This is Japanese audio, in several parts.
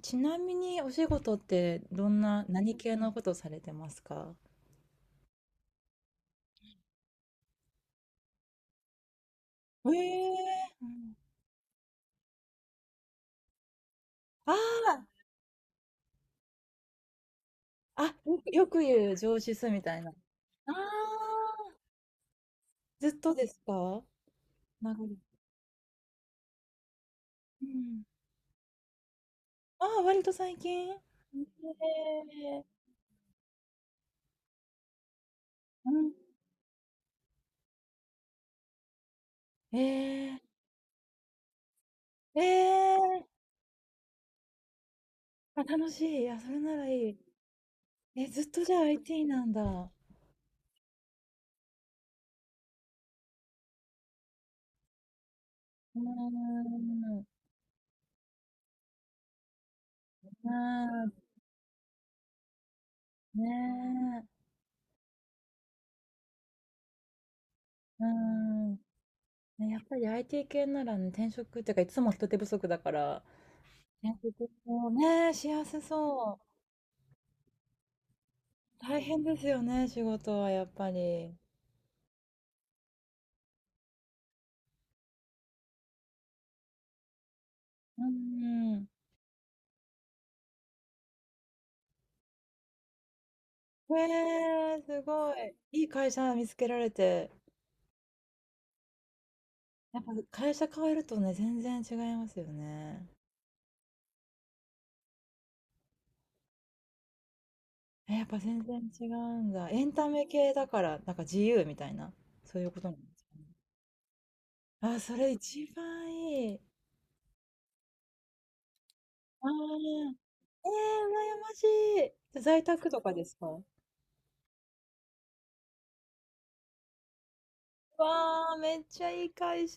ちなみにお仕事ってどんな、何系のことされてますか？ええ。ーうん。あー。あ、よく言う上司すみたいな。あ。あ、ずっとですか？長い。うん。ああ、割と最近。ええ。うん。ええ。ええ。あ、楽しい。あ、それならいい。え、ずっとじゃあ IT なんだ。うーん。うーん。ねえ。うーん。ねやっぱり IT 系ならね、転職っていうか、いつも人手不足だから、転職もね、しやすそう。大変ですよね、仕事はやっぱり。うん。ねえ、すごい。いい会社見つけられて。やっぱ会社変えるとね、全然違いますよね。え、やっぱ全然違うんだ。エンタメ系だから、なんか自由みたいな、そういうことなんですかね。あ、それ一番いい。ああ、ええ、羨ましい。在宅とかですか？わあ、めっちゃいい会社。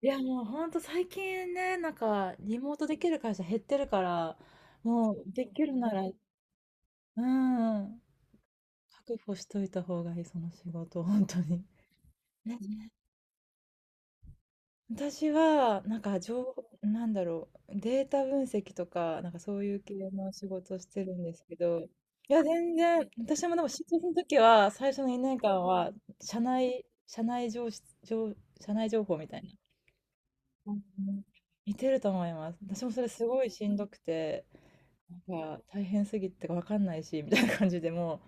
いや、もうほんと最近ね、なんか、リモートできる会社減ってるから、もうできるなら、うん、確保しといた方がいい、その仕事、本当に。ね。私は、なんか、情報、なんだろう、データ分析とか、なんかそういう系の仕事をしてるんですけど、いや、全然、私もでも、新卒の時は、最初の2年間は、社内、社内情報、情社内情報みたいな。うん。似てると思います。私もそれすごいしんどくて、なんか大変すぎてわかんないし、みたいな感じでも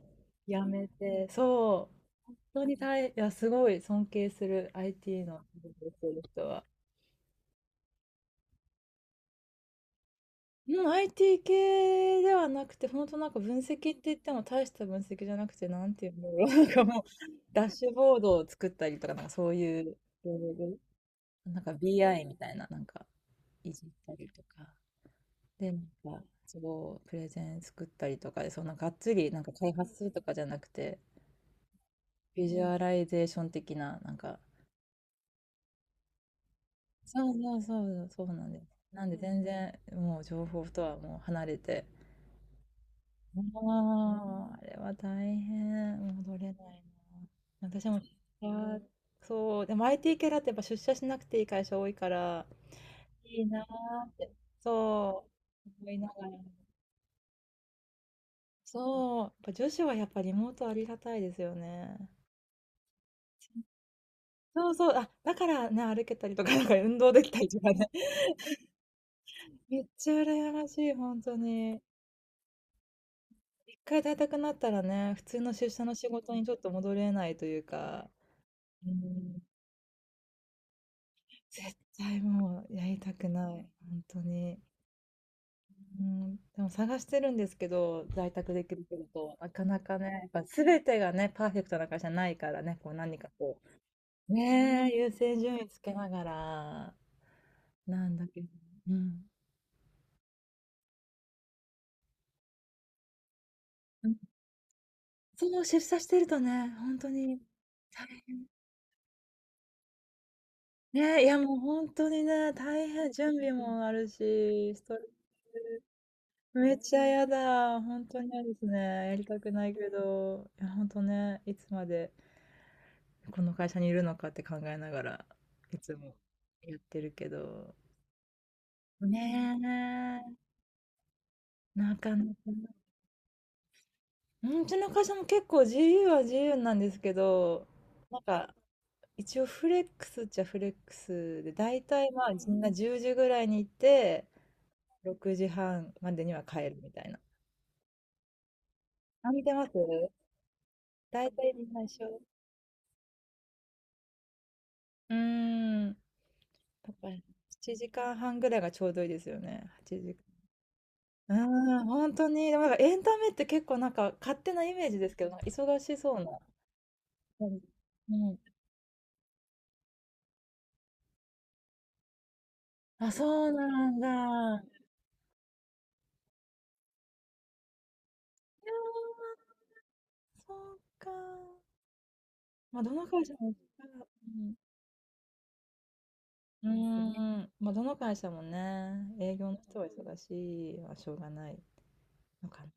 うやめて、そう、本当に大いや、すごい尊敬する IT の仕事をしてる人は。うん、IT 系ではなくて、本当なんか分析って言っても大した分析じゃなくて、なんていうんだろう、なんかもう、ダッシュボードを作ったりとか、なんかそういう、なんか BI みたいな、なんかいじったりとか。で、なんか、そう、プレゼン作ったりとかで、そんながっつり、なんか開発するとかじゃなくて、ビジュアライゼーション的な、なんか、そうそうそう、そうなんです。なんで全然、もう情報とはもう離れて、ああ、あれは大変、戻れないな。私も出社、そう、でも IT 系だってやっぱ出社しなくていい会社多いから、いいなーって、そう、思いながら。そう、やっぱ女子はやっぱリモートありがたいですよね。そうそう、あ、だからね、歩けたりとか、なんか運動できたりとかね。めっちゃ羨ましい、本当に。一回在宅になったらね、普通の出社の仕事にちょっと戻れないというか、うーん、絶対もうやりたくない、本当に。うーん、でも探してるんですけど、在宅できる仕事、なかなかね、やっぱ全てがね、パーフェクトな会社ないからね、こう何かこう、ねえ、優先順位つけながら、なんだけど、うん。そう、出社してるとね、本当に大変。ね、いや、もう本当にね、大変、準備もあるし、ストレス、めっちゃやだ、本当に嫌ですね。やりたくないけど、いや、本当ね、いつまでこの会社にいるのかって考えながら、いつもやってるけど。ねえ、なかなか。うん、うちの会社も結構自由は自由なんですけど、なんか一応フレックスっちゃフレックスで、大体まあみんな10時ぐらいに行って、6時半までには帰るみたいな。あ、見てます。大体みんな一緒。うーん。だから7時間半ぐらいがちょうどいいですよね。8時。うーん、本当に。でもなんかエンタメって結構なんか勝手なイメージですけど、なんか忙しそうな感じ。うん。あ、そうなんだ。そうか。まあ、どの会社も一緒か。うん。うーですね。ん、まあ、どの会社もね、営業の人は忙しいはしょうがないのかな。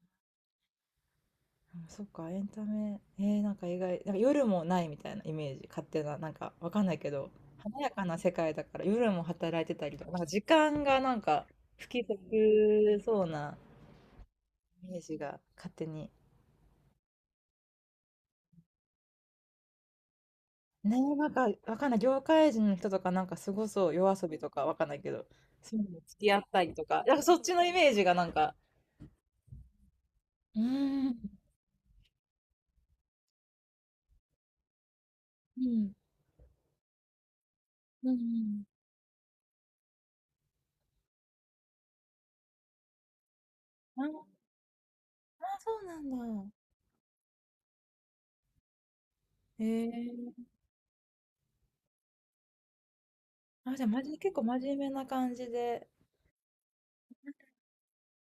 うん、そっか、エンタメ、なんか意外、なんか夜もないみたいなイメージ、勝手な、なんかわかんないけど、華やかな世界だから夜も働いてたりとか、なんか時間がなんか不規則そうなイメージが勝手に。ねえ、なんかわかんない、業界人の人とかなんかすごそう、夜遊びとかわかんないけど、そういうのに付き合ったりとか、なんかそっちのイメージがなんか、うーん、うん、うんうん。あ、あ、そうなんだ。へえ。あ、じゃあ、まじ結構真面目な感じで。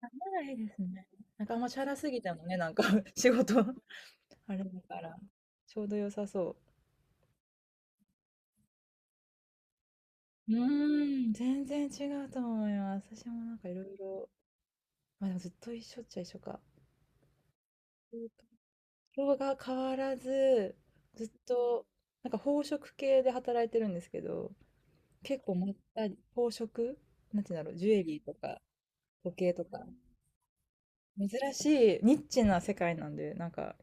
ならいいですね。なんかあんまチャラすぎてもね、なんか 仕事 あれだから、ちょうど良さそう。うーん、全然違うと思います。私もなんかいろいろ、ま、でもずっと一緒っちゃ一緒か。色が変わらず、ずっとなんか宝飾系で働いてるんですけど、結構まったり、宝飾なんて言うんだろう、ジュエリーとか時計とか珍しい、ニッチな世界なんで、なんか、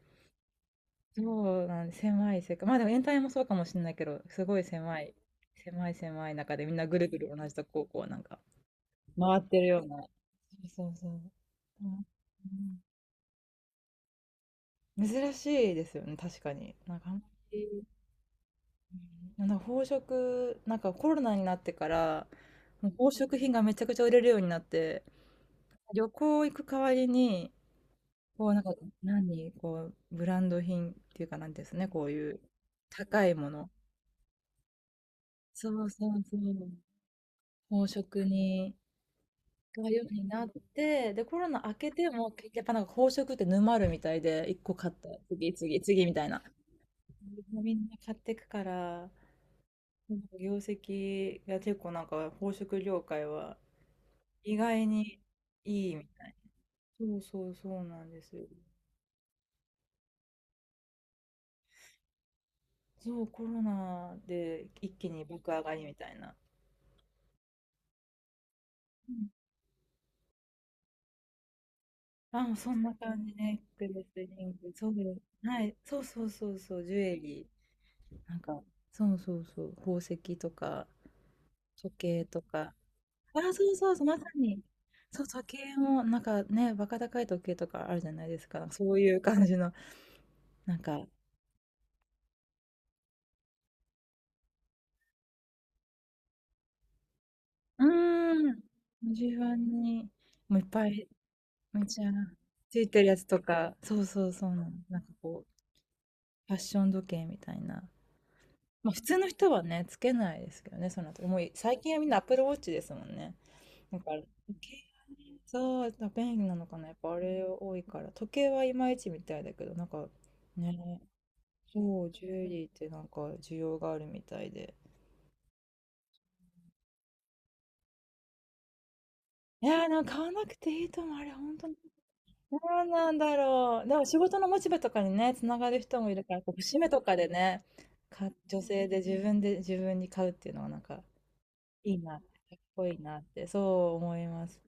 そうなんで、狭い世界。まあでも、エンタメもそうかもしれないけど、すごい狭い、狭い狭い中で、みんなぐるぐる同じとこをこう、なんか、回ってるような。そうそうそう。うん。うん。珍しいですよね、確かに。なんかあんまり、うんなんか宝飾、なんかコロナになってから、もう宝飾品がめちゃくちゃ売れるようになって、旅行行く代わりに、こう、なんか、何、こう、ブランド品っていうかなんですね、こういう高いもの。そうそうそう。宝飾に、がようになって、で、コロナ明けても、けやっぱなんか宝飾って沼るみたいで、一個買った、次、次、次みたいな。もうみんな買ってくから、なんか業績が結構なんか宝飾業界は意外にいいみたい。そうそうそうなんですよ。そう、コロナで一気に爆上がりみたいな。あ、もうそんな感じね。ネックレス、リング、そう、はい、そうそうそうそう、ジュエリー。なんか、そうそうそう、宝石とか、時計とか。あ、そうそうそう、まさに。そう、時計も、なんかね、バカ高い時計とかあるじゃないですか。そういう感じの、なんか、うーん、順番に、もういっぱい、めちゃ、ついてるやつとか、そうそうそうなの、なんかこう、ファッション時計みたいな。まあ、普通の人はね、つけないですけどね、その後。もう最近はみんなアップルウォッチですもんね。なんか、時計。そう、便利なのかな、やっぱあれ多いから。時計はいまいちみたいだけど、なんかね、そう、ジュエリーってなんか需要があるみたいで。いやー、なんか買わなくていいと思う、あれ、本当に。どうなんだろう。でも仕事のモチベとかにね、つながる人もいるから、こう節目とかでね、か、女性で自分で自分に買うっていうのはなんかいいな、かっこいいなって、そう思います。